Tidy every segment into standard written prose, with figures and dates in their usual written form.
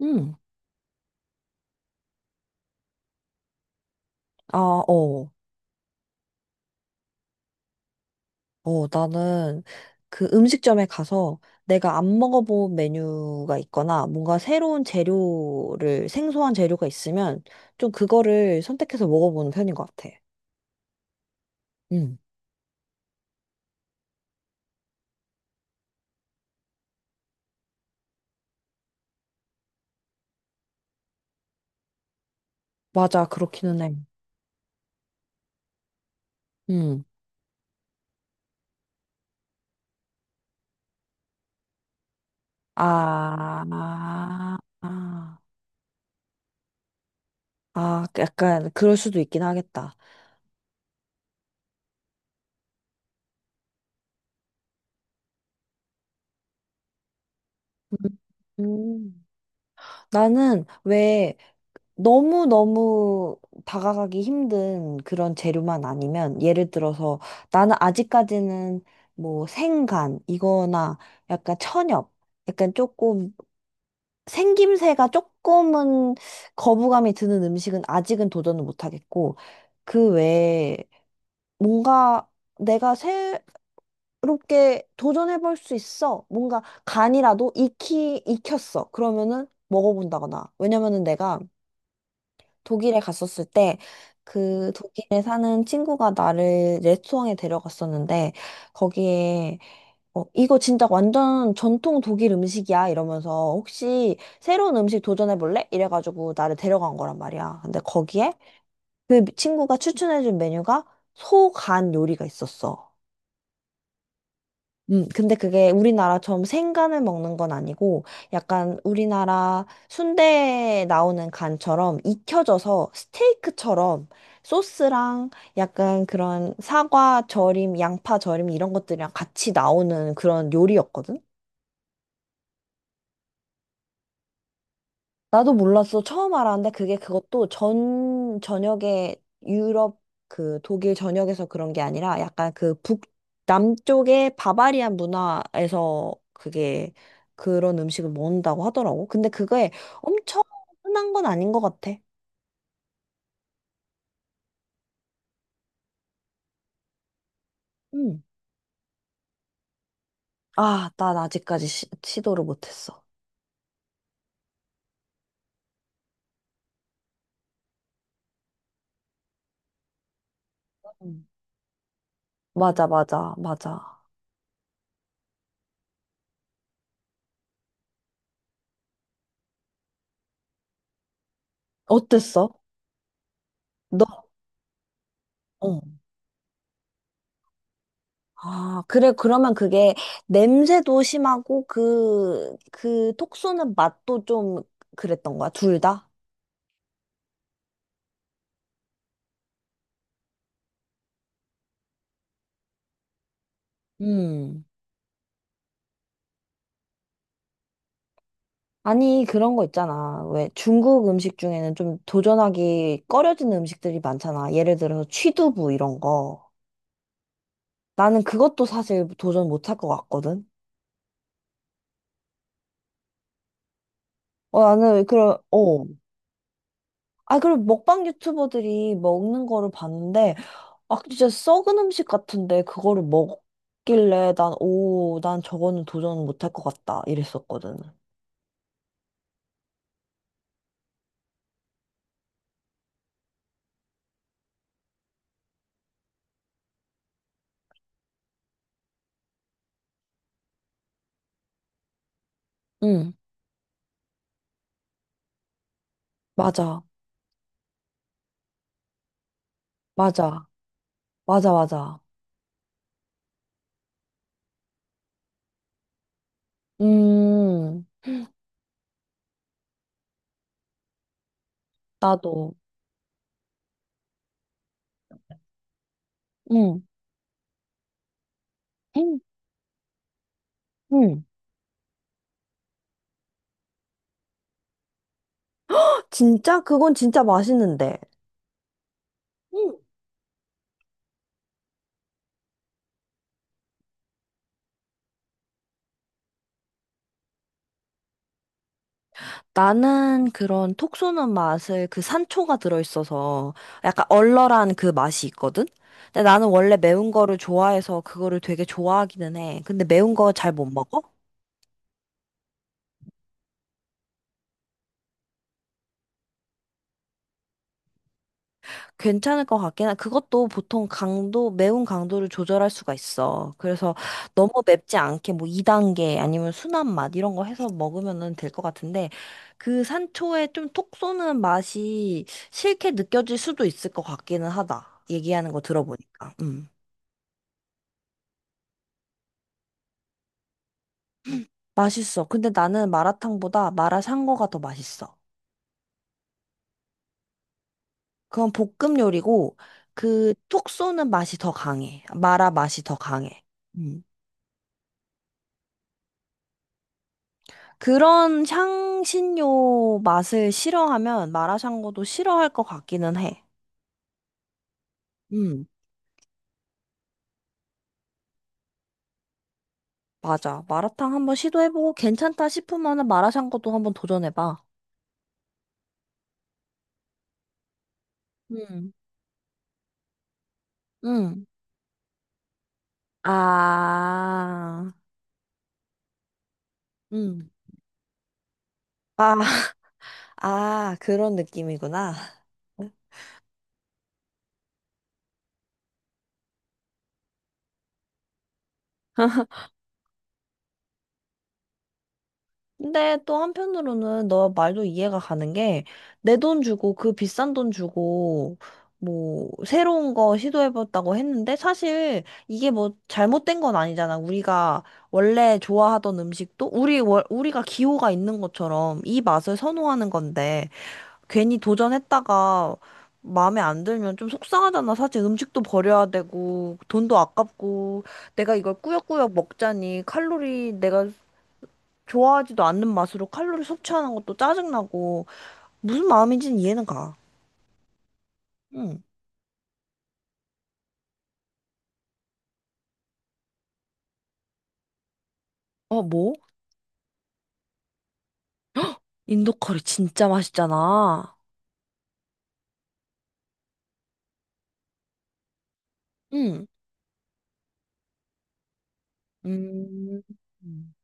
응. 아, 어. 어, 나는 그 음식점에 가서 내가 안 먹어본 메뉴가 있거나 뭔가 생소한 재료가 있으면 좀 그거를 선택해서 먹어보는 편인 것 같아. 응. 맞아, 그렇기는 해. 응. 아, 아, 아, 아, 약간 그럴 수도 있긴 하겠다. 음. 음. 나는 왜 너무너무 다가가기 힘든 그런 재료만 아니면, 예를 들어서 나는 아직까지는 뭐 생간 이거나 약간 천엽, 약간 조금 생김새가 조금은 거부감이 드는 음식은 아직은 도전을 못 하겠고, 그 외에 뭔가 내가 새롭게 도전해 볼 수 있어. 뭔가 간이라도 익히 익혔어. 그러면은 먹어본다거나. 왜냐면은 내가 독일에 갔었을 때, 그 독일에 사는 친구가 나를 레스토랑에 데려갔었는데, 거기에 이거 진짜 완전 전통 독일 음식이야 이러면서, 혹시 새로운 음식 도전해 볼래? 이래가지고 나를 데려간 거란 말이야. 근데 거기에 그 친구가 추천해준 메뉴가 소간 요리가 있었어. 근데 그게 우리나라처럼 생간을 먹는 건 아니고, 약간 우리나라 순대에 나오는 간처럼 익혀져서 스테이크처럼 소스랑 약간 그런 사과 절임, 양파 절임 이런 것들이랑 같이 나오는 그런 요리였거든. 나도 몰랐어. 처음 알았는데, 그게 그것도 전 전역에 유럽 그 독일 전역에서 그런 게 아니라, 약간 그 남쪽의 바바리안 문화에서 그게 그런 음식을 먹는다고 하더라고. 근데 그게 엄청 흔한 건 아닌 것 같아. 응. 아, 난 아직까지 도를 못했어. 음. 맞아, 맞아, 맞아. 어땠어? 너? 어. 아, 그래, 그러면 그게 냄새도 심하고 그, 그 톡 쏘는 맛도 좀 그랬던 거야, 둘 다? 음. 아니, 그런 거 있잖아. 왜 중국 음식 중에는 좀 도전하기 꺼려지는 음식들이 많잖아. 예를 들어서 취두부 이런 거. 나는 그것도 사실 도전 못 할 것 같거든. 어, 나는, 그런, 어. 아, 그리고 먹방 유튜버들이 먹는 거를 봤는데, 아, 진짜 썩은 음식 같은데 그거를 먹길래 난, 오, 난 저거는 도전 못 할 것 같다. 이랬었거든. 응, 맞아. 맞아. 맞아, 맞아. 음, 나도. 응, 응, 응. 진짜? 그건 진짜 맛있는데. 응. 나는 그런 톡 쏘는 맛을, 그 산초가 들어있어서 약간 얼얼한 그 맛이 있거든? 근데 나는 원래 매운 거를 좋아해서 그거를 되게 좋아하기는 해. 근데 매운 거 잘 못 먹어? 괜찮을 것 같긴 해. 그것도 보통 강도, 매운 강도를 조절할 수가 있어. 그래서 너무 맵지 않게 뭐 2단계 아니면 순한 맛 이런 거 해서 먹으면은 될 것 같은데, 그 산초의 좀 톡 쏘는 맛이 싫게 느껴질 수도 있을 것 같기는 하다. 얘기하는 거 들어보니까. 음. 맛있어. 근데 나는 마라탕보다 마라샹궈가 더 맛있어. 그건 볶음 요리고, 그 톡 쏘는 맛이 더 강해. 마라 맛이 더 강해. 음. 그런 향신료 맛을 싫어하면 마라샹궈도 싫어할 것 같기는 해. 음, 맞아. 마라탕 한번 시도해보고 괜찮다 싶으면은 마라샹궈도 한번 도전해봐. 음. 음. 아, 음. 아, 아, 그런 느낌이구나. 근데 또 한편으로는 너 말도 이해가 가는 게, 내 돈 주고, 그 비싼 돈 주고 뭐 새로운 거 시도해봤다고 했는데, 사실 이게 뭐 잘못된 건 아니잖아. 우리가 원래 좋아하던 음식도, 우리가 기호가 있는 것처럼 이 맛을 선호하는 건데, 괜히 도전했다가 마음에 안 들면 좀 속상하잖아. 사실 음식도 버려야 되고, 돈도 아깝고, 내가 이걸 꾸역꾸역 먹자니 칼로리, 내가 좋아하지도 않는 맛으로 칼로리 섭취하는 것도 짜증나고. 무슨 마음인지는 이해는 가. 응. 어, 뭐? 인도 커리 진짜 맛있잖아. 응. 음. 음.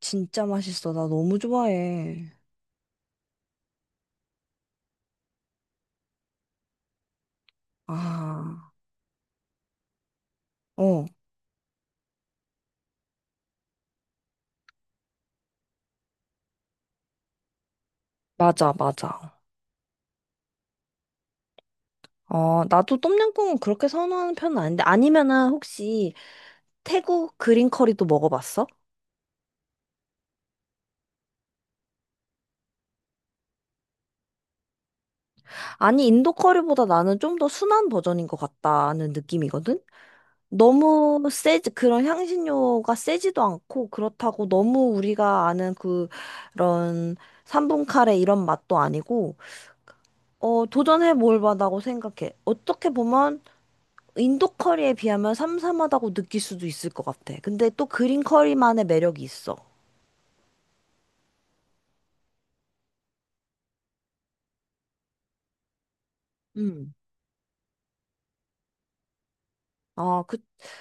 진짜 맛있어. 나 너무 좋아해. 아. 어. 맞아, 맞아. 어, 나도 똠양꿍은 그렇게 선호하는 편은 아닌데. 아니면은 혹시 태국 그린 커리도 먹어봤어? 아니, 인도 커리보다 나는 좀 더 순한 버전인 것 같다는 느낌이거든? 너무 세지, 그런 향신료가 세지도 않고, 그렇다고 너무 우리가 아는 그, 런 삼분 카레 이런 맛도 아니고, 어, 도전해 볼 만하다고 생각해. 어떻게 보면, 인도 커리에 비하면 삼삼하다고 느낄 수도 있을 것 같아. 근데 또 그린 커리만의 매력이 있어. 음. 아, 그,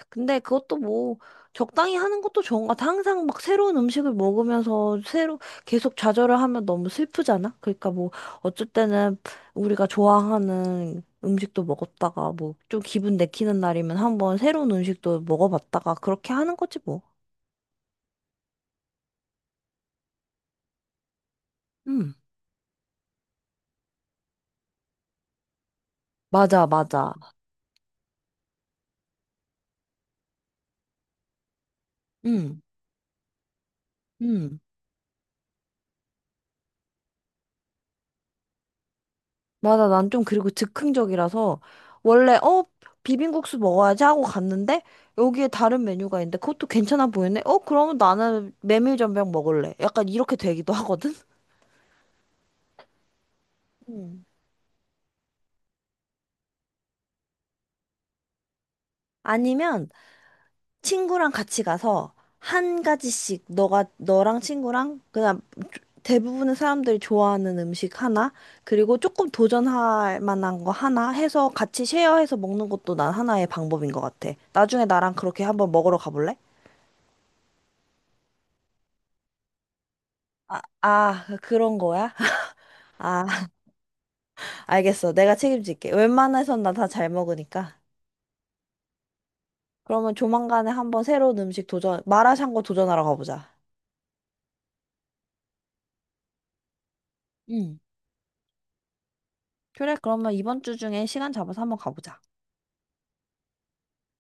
근데 그것도 뭐, 적당히 하는 것도 좋은 것 같아. 항상 막 새로운 음식을 먹으면서 새로, 계속 좌절을 하면 너무 슬프잖아? 그러니까 뭐, 어쩔 때는 우리가 좋아하는 음식도 먹었다가, 뭐, 좀 기분 내키는 날이면 한번 새로운 음식도 먹어봤다가, 그렇게 하는 거지 뭐. 응, 맞아, 맞아. 응, 응. 맞아, 난 좀, 그리고 즉흥적이라서 원래 비빔국수 먹어야지 하고 갔는데 여기에 다른 메뉴가 있는데 그것도 괜찮아 보이네. 어, 그러면 나는 메밀전병 먹을래. 약간 이렇게 되기도 하거든. 음. 아니면 친구랑 같이 가서 한 가지씩 너가 너랑 친구랑 그냥 대부분의 사람들이 좋아하는 음식 하나, 그리고 조금 도전할 만한 거 하나 해서 같이 쉐어해서 먹는 것도 난 하나의 방법인 것 같아. 나중에 나랑 그렇게 한번 먹으러 가볼래? 아, 그런 거야? 아, 알겠어. 내가 책임질게. 웬만해선 나 다 잘 먹으니까. 그러면 조만간에 한번 새로운 음식 도전, 마라샹궈 도전하러 가보자. 응. 그래, 그러면 이번 주 중에 시간 잡아서 한번 가보자.